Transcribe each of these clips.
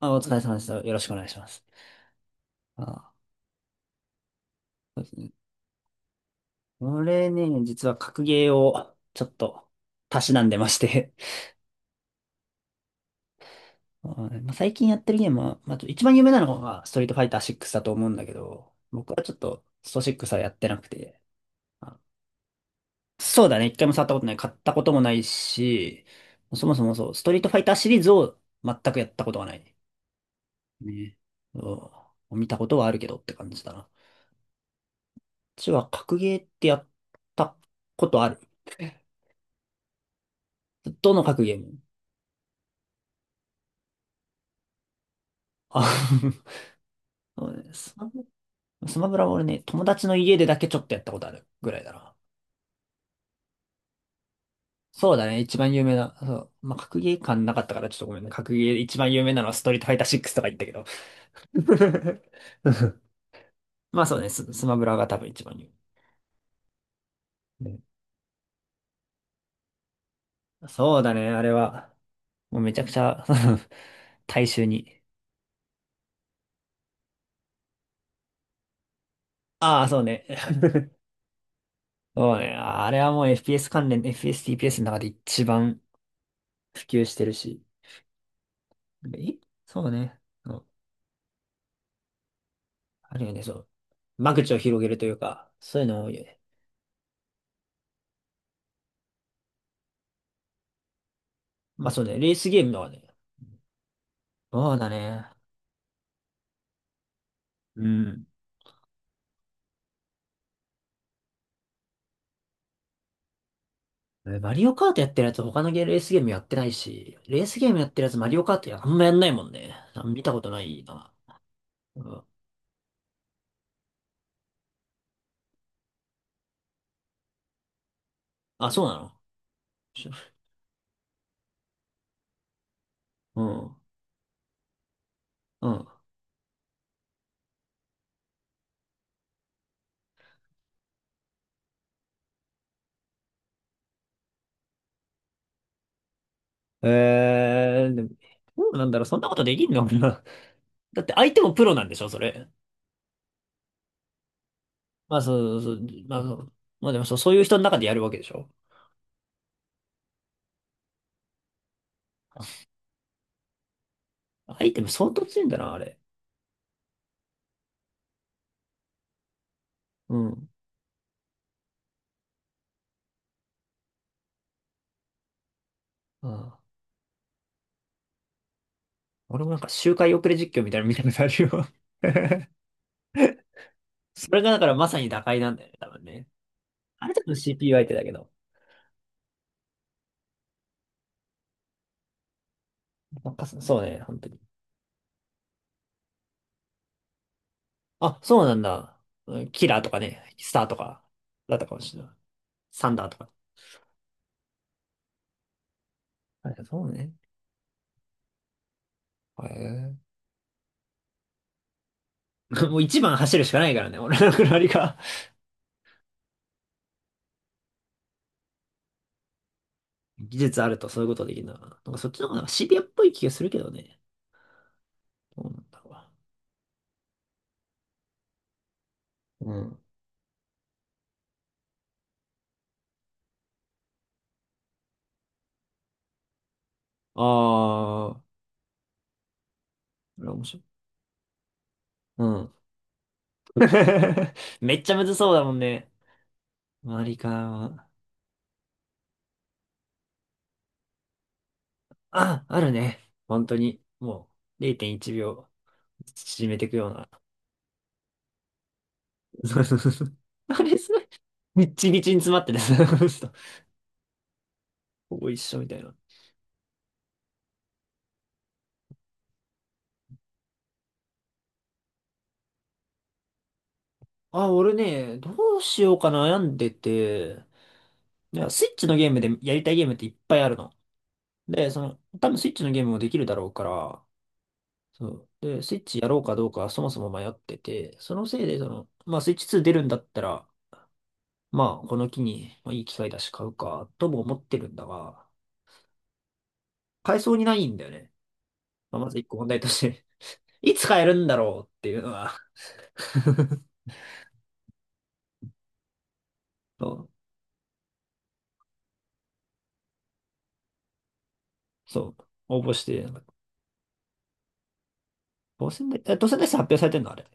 あ、お疲れ様です。よろしくお願いします。あ、そうですね。これね、実は格ゲーをちょっとたしなんでまして。 はい。まあ、最近やってるゲームは、まあ、一番有名なのがストリートファイター6だと思うんだけど、僕はちょっとスト6はやってなくて、あ、そうだね、一回も触ったことない、買ったこともないし、そもそもそう、ストリートファイターシリーズを全くやったことがない。ね。そう、見たことはあるけどって感じだな。うちは格ゲーってやったことある？どの各ゲーム？あ。 そうね、スマブラ、スマブラは俺ね、友達の家でだけちょっとやったことあるぐらいだな。そうだね、一番有名な、そう。まあ、格ゲー感なかったからちょっとごめんね。格ゲー、一番有名なのはストリートファイター6とか言ったけど。まあそうね、スマブラが多分一番有名。ね、そうだね、あれは、もうめちゃくちゃ。 大衆に。ああ、そうね。そうね、ああれはもう FPS 関連、FPS、TPS の中で一番普及してるし。え、そうね。あるよね、そう。間口を広げるというか、そういうの多いよね。まあそうね、レースゲームはね。そうだね。うん。マリオカートやってるやつ他のゲーレースゲームやってないし、レースゲームやってるやつマリオカートやあんまやんないもんね。あ、見たことないな。うん。あ、そうなの？し、うん。うん。えー、でも、どうなんだろう、そんなことできんのかな？ だって相手もプロなんでしょ、それ。まあそうそう、まあそう。まあでもそう、そういう人の中でやるわけでしょ。相手も相当強いんだな、あれ。うん。うん、俺もなんか周回遅れ実況みたいなの見たことあるよ。 それがだからまさに打開なんだよね、多分ね。あれ多分 CPU 相手だけど。なんかそうね、本当に。あ、そうなんだ。うん、キラーとかね、スターとか、だったかもしれない。サンダーとか。あ、そうね。へえ。もう一番走るしかないからね、俺のくらりが。技術あるとそういうことできるな。なんかそっちの方がなんかシビアっぽい気がするけどね。どうなんだろうな。うん。ああ、これ面白い。うん。めっちゃむずそうだもんね。周りからは、あ、あるね。本当に、もう0.1秒縮めていくような。そうそうそうそう。あれ、それ、日にちみちに詰まってて、その人ほぼ一緒みたいな。あ、俺ね、どうしようか悩んでて、いや、スイッチのゲームでやりたいゲームっていっぱいあるの。で、その、多分スイッチのゲームもできるだろうから、そう。で、スイッチやろうかどうかそもそも迷ってて、そのせいで、その、まあ、スイッチ2出るんだったら、まあ、この機に、まあ、いい機会だし買うか、とも思ってるんだが、買えそうにないんだよね。まあ、まず一個問題として、 いつ買えるんだろうっていうのが。 そう、そう、応募して、なんか当選で、え、当選で発表されてんのあれ？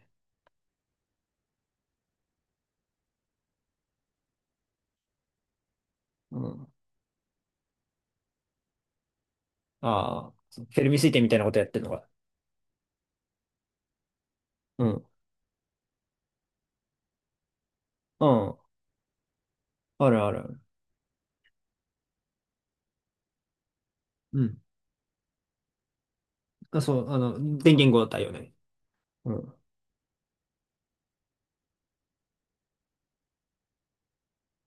うん。ああ、そうフェルミ推定みたいなことやってんのか。うん。うん。あるあるある。うん。あ、そう、あの、電源号対応ね。うん。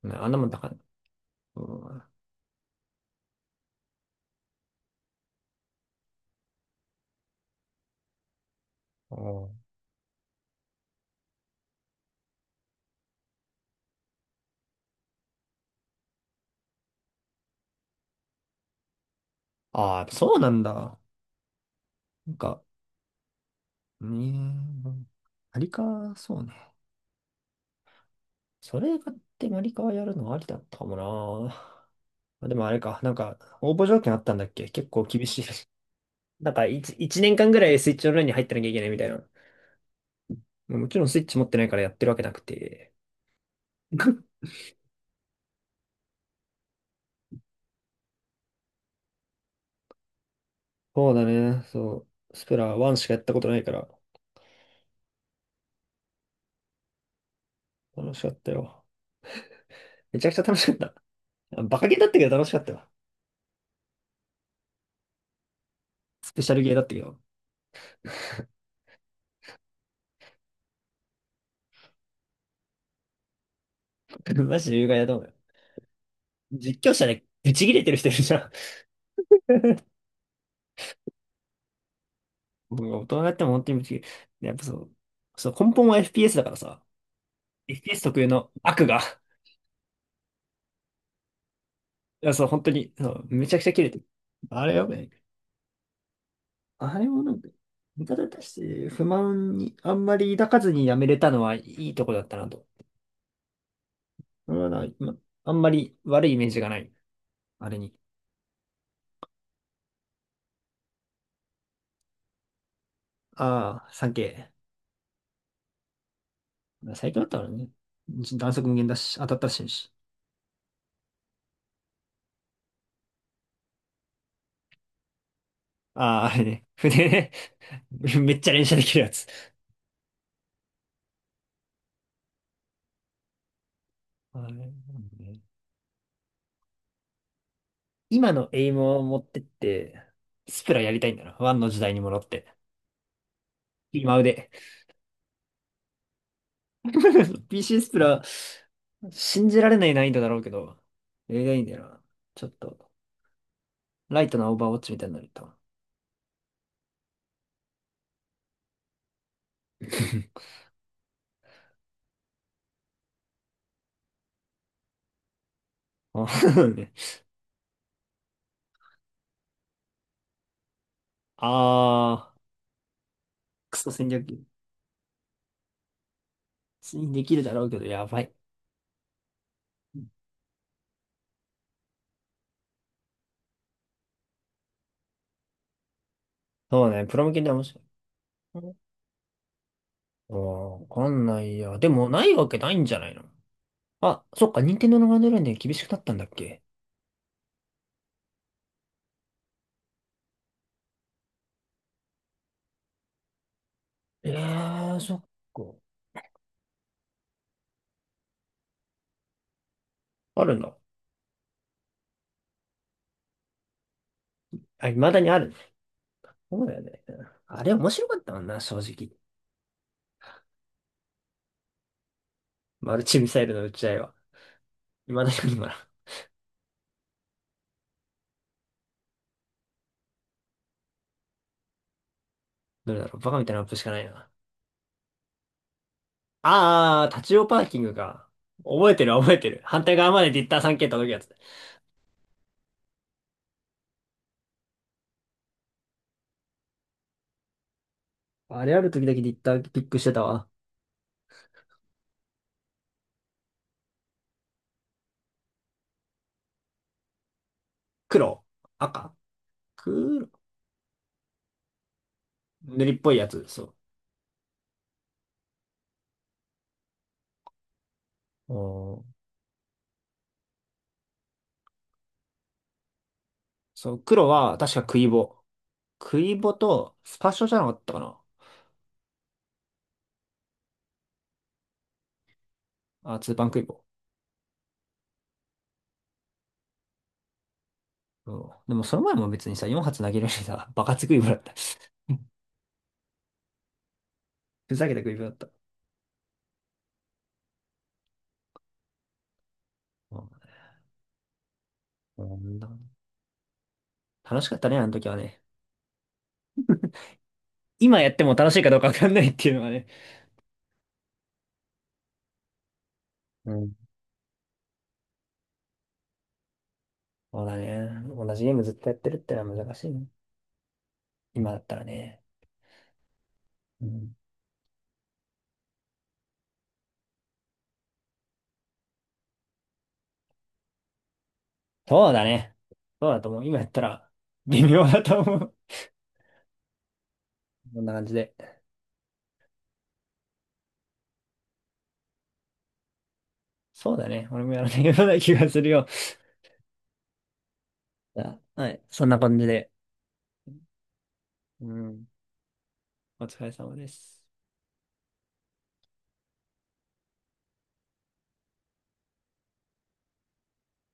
ね、あんなもんだから。うん。ああ、ああそうなんだ。なんか、ね、え、ありか、そうね。それ買ってマリカはやるのありだったかもな。まあでもあれか、なんか応募条件あったんだっけ？結構厳しい。なんか1、一年間ぐらいスイッチオンラインに入ってなきゃいけないみたいな。まあもちろんスイッチ持ってないからやってるわけなくて。そうだね、そう。スプラ1しかやったことないから、楽しかったよ。めちゃくちゃ楽しかった。バカゲーだったけど楽しかったよ。スペシャルゲーだったけど。マジで有害だと思うよ。実況者でブチ切れてる人いるじゃん。僕が大人になっても本当にブチ切れ。やっぱそう、そう根本は FPS だからさ。イギリス特有の悪が、いや、そう、本当に、そう、めちゃくちゃ切れてる。あれよねい。あれもなんか、味方に対して不満にあんまり抱かずにやめれたのはいいとこだったなと。それはな、まあんまり悪いイメージがない。あれに。ああ、サンケイ。まあ最強だったからね。弾速無限だし、当たったら死ぬし。ああ、あれね。船ね。めっちゃ連射できるやつ。あれなんだね、今のエイムを持ってって、スプラやりたいんだな。ワンの時代に戻って。今腕。PC スプラ、信じられない難易度だろうけど、映画いいんだよな。ちょっと、ライトなオーバーウォッチみたいになると。あー、ね、あークソ戦略できるだろうけど、やばい。そうね、プロ向けで面白い。あー、わかんないや。でも、ないわけないんじゃないの？あ、そっか、任天堂のガイドラインで厳しくなったんだっけ？えー、そっか。あるんだ。あ、未だにあるね。そうだよね。あれ面白かったもんな、正直。マルチミサイルの撃ち合いは。今確かに今な。どれだろう、バカみたいなアップしかないな。あー、立ち用パーキングか。覚えてる覚えてる。反対側までディッター 3K 届くやつ。あれある時だけディッターピックしてたわ。黒、赤、黒。塗りっぽいやつ、そう。おー、そう、黒は確かクイボ。クイボとスパッショじゃなかったかな。あ、ツーパンクイボ。うん。でもその前も別にさ、4発投げるしさ、バカつクイボだった。ふざけたクイボだった。うん、なんだ、楽しかったね、あの時はね。今やっても楽しいかどうかわかんないっていうのがね。うん。そうだね。同じゲームずっとやってるってのは難しいね。今だったらね。うん。そうだね。そうだと思う。今やったら微妙だと思う。こんな感じで。そうだね。俺もやらないような気がするよ。じゃあ、はい。そんな感じで。うん。お疲れ様です。